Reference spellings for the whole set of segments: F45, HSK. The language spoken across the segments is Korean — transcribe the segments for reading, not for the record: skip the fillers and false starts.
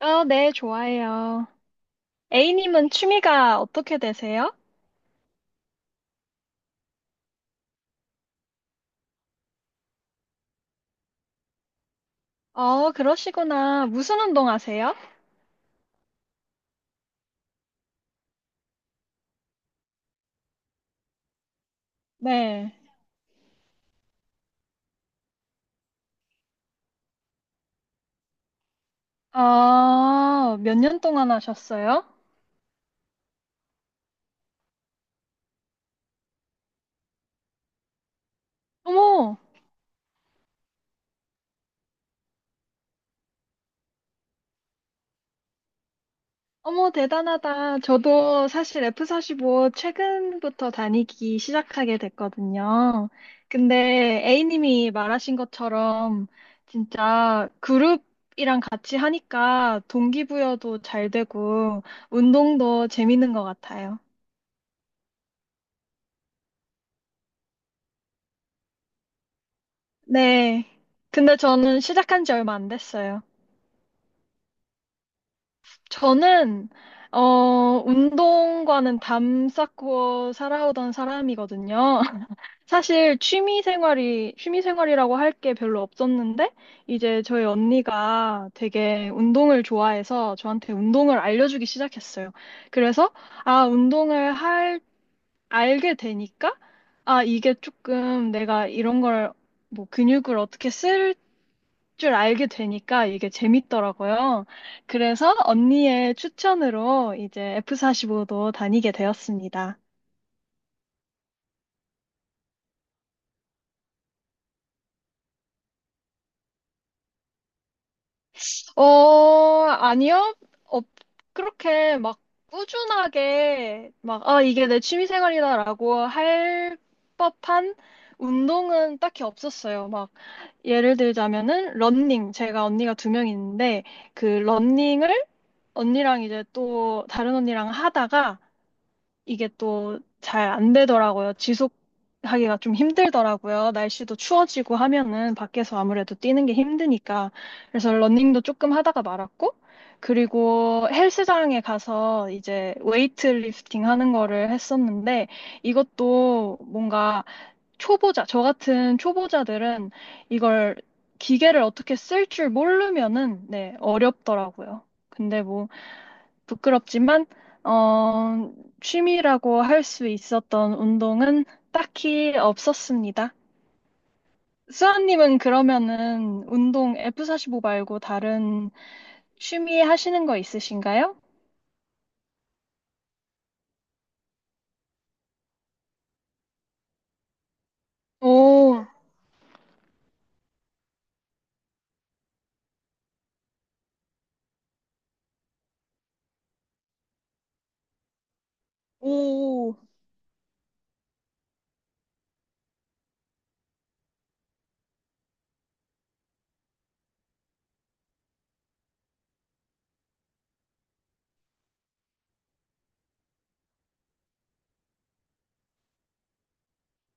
네, 좋아해요. A님은 취미가 어떻게 되세요? 그러시구나. 무슨 운동 하세요? 네. 아, 몇 년 동안 하셨어요? 어머, 어머, 대단하다. 저도 사실 F45 최근부터 다니기 시작하게 됐거든요. 근데 A님이 말하신 것처럼 진짜 그룹이랑 같이 하니까 동기부여도 잘 되고 운동도 재밌는 것 같아요. 네. 근데 저는 시작한 지 얼마 안 됐어요. 저는, 어, 운동과는 담 쌓고 살아오던 사람이거든요. 사실 취미 생활이라고 할 게 별로 없었는데, 이제 저희 언니가 되게 운동을 좋아해서 저한테 운동을 알려주기 시작했어요. 그래서, 아, 운동을 할, 알게 되니까, 이게 조금 내가 이런 걸, 뭐, 근육을 어떻게 쓸 줄 알게 되니까 이게 재밌더라고요. 그래서 언니의 추천으로 이제 F45도 다니게 되었습니다. 아니요. 어, 그렇게 막 꾸준하게 막, 이게 내 취미생활이다라고 할 법한 운동은 딱히 없었어요. 막, 예를 들자면은, 러닝. 제가 언니가 2명 있는데, 그 러닝을 언니랑 이제 또 다른 언니랑 하다가 이게 또 잘 안 되더라고요. 지속하기가 좀 힘들더라고요. 날씨도 추워지고 하면은 밖에서 아무래도 뛰는 게 힘드니까. 그래서 러닝도 조금 하다가 말았고, 그리고 헬스장에 가서 이제 웨이트리프팅 하는 거를 했었는데, 이것도 뭔가 저 같은 초보자들은 이걸 기계를 어떻게 쓸 줄 모르면은, 네, 어렵더라고요. 근데 뭐, 부끄럽지만, 어, 취미라고 할 수 있었던 운동은 딱히 없었습니다. 수아님은 그러면은 운동 F45 말고 다른 취미 하시는 거 있으신가요? 오, 오,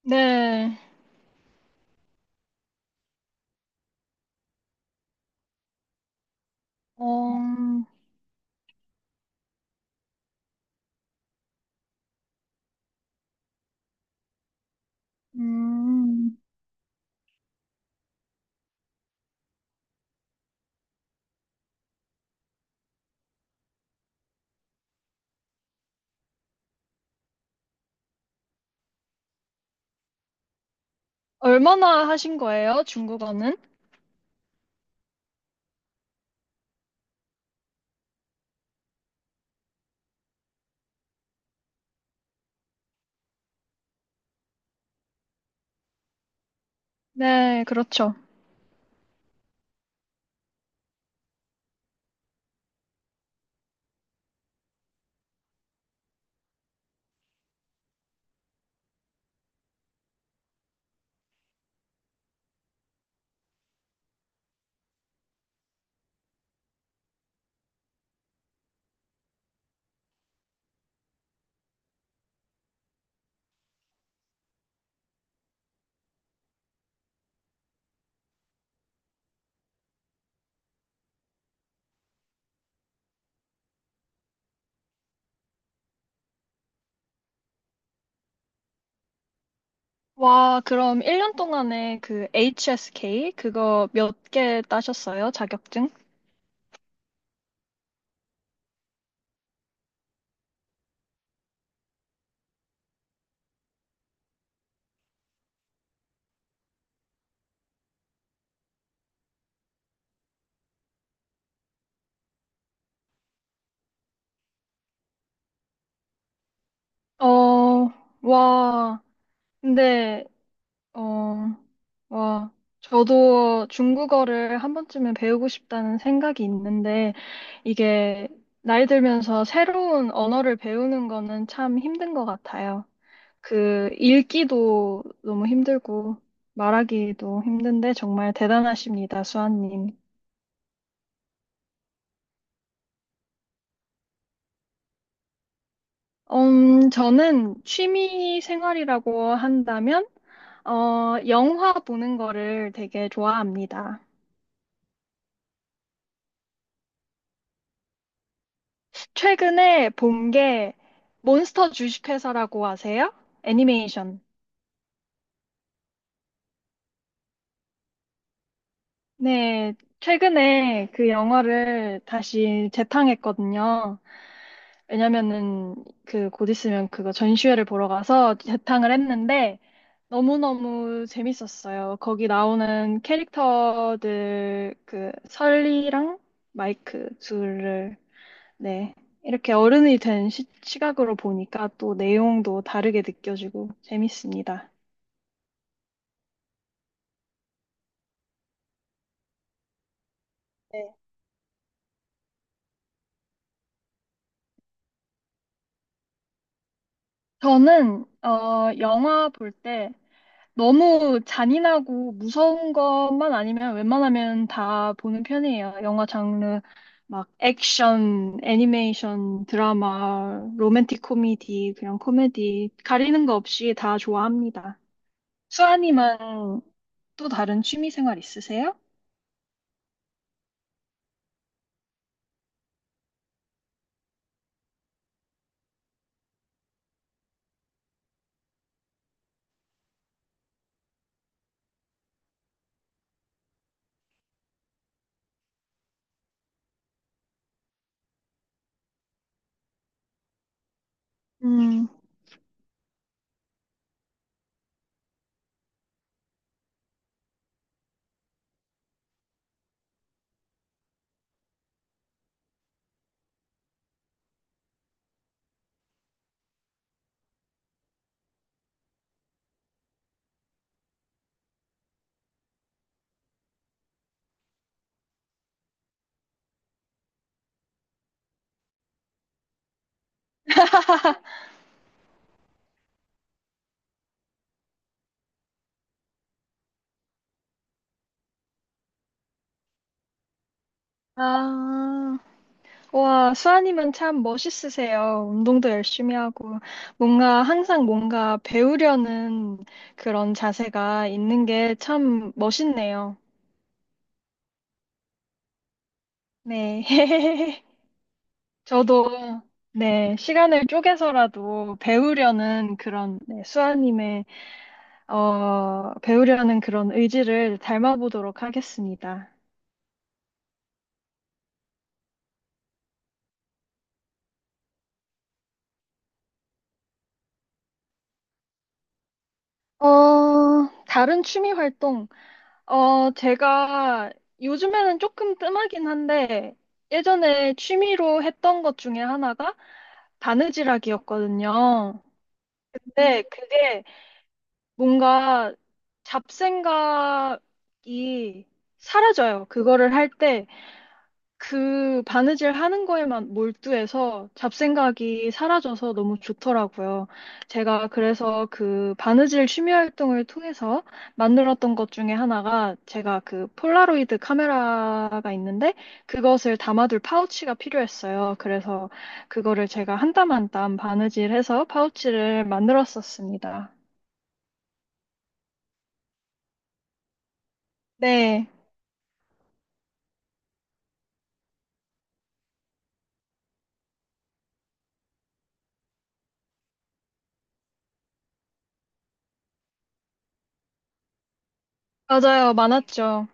네. 어, 음, 얼마나 하신 거예요, 중국어는? 네, 그렇죠. 와, 그럼 1년 동안에 그 HSK 그거 몇 개 따셨어요, 자격증? 어, 와, 근데, 어, 와, 저도 중국어를 한 번쯤은 배우고 싶다는 생각이 있는데, 이게 나이 들면서 새로운 언어를 배우는 거는 참 힘든 것 같아요. 그, 읽기도 너무 힘들고, 말하기도 힘든데, 정말 대단하십니다, 수아님. 저는 취미 생활이라고 한다면, 영화 보는 거를 되게 좋아합니다. 최근에 본 게 몬스터 주식회사라고 아세요? 애니메이션. 네, 최근에 그 영화를 다시 재탕했거든요. 왜냐면은 그 곧 있으면 그거 전시회를 보러 가서 재탕을 했는데 너무너무 재밌었어요. 거기 나오는 캐릭터들 그 설리랑 마이크 둘을 네. 이렇게 어른이 된 시, 시각으로 보니까 또 내용도 다르게 느껴지고 재밌습니다. 네. 저는 영화 볼 때 너무 잔인하고 무서운 것만 아니면 웬만하면 다 보는 편이에요. 영화 장르 막 액션, 애니메이션, 드라마, 로맨틱 코미디, 그냥 코미디 가리는 거 없이 다 좋아합니다. 수아님은 또 다른 취미 생활 있으세요? 음. 아, 와, 수아님은 참 멋있으세요. 운동도 열심히 하고, 뭔가 항상 뭔가 배우려는 그런 자세가 있는 게 참 멋있네요. 네. 저도, 네, 시간을 쪼개서라도 배우려는 그런, 네, 수아님의, 배우려는 그런 의지를 닮아보도록 하겠습니다. 어, 다른 취미 활동. 제가 요즘에는 조금 뜸하긴 한데, 예전에 취미로 했던 것 중에 하나가 바느질하기였거든요. 근데 그게 뭔가 잡생각이 사라져요. 그거를 할때 그 바느질 하는 거에만 몰두해서 잡생각이 사라져서 너무 좋더라고요. 제가 그래서 그 바느질 취미 활동을 통해서 만들었던 것 중에 하나가 제가 그 폴라로이드 카메라가 있는데 그것을 담아둘 파우치가 필요했어요. 그래서 그거를 제가 한 땀 한 땀 바느질해서 파우치를 만들었었습니다. 네, 맞아요. 많았죠.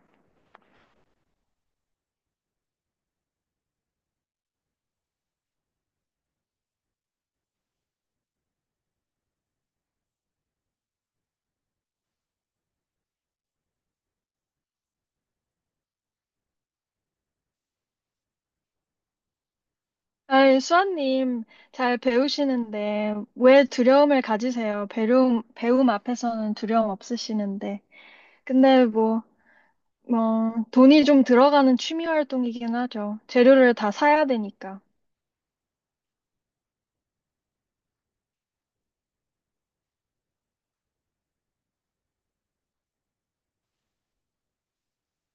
아이, 수아님, 잘 배우시는데, 왜 두려움을 가지세요? 배움, 배움 앞에서는 두려움 없으시는데. 근데 뭐, 돈이 좀 들어가는 취미 활동이긴 하죠. 재료를 다 사야 되니까.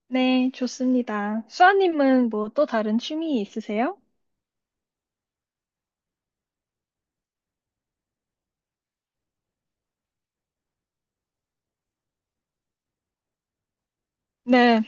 네, 좋습니다. 수아님은 뭐 또 다른 취미 있으세요? 네.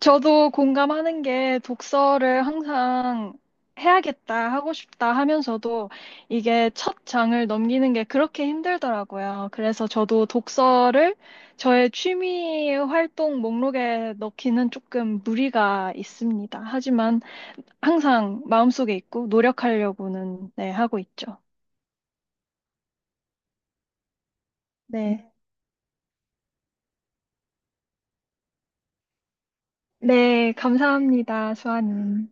저도 공감하는 게 독서를 항상 해야겠다, 하고 싶다 하면서도 이게 첫 장을 넘기는 게 그렇게 힘들더라고요. 그래서 저도 독서를 저의 취미 활동 목록에 넣기는 조금 무리가 있습니다. 하지만 항상 마음속에 있고 노력하려고는 네, 하고 있죠. 네. 네, 감사합니다, 수아님.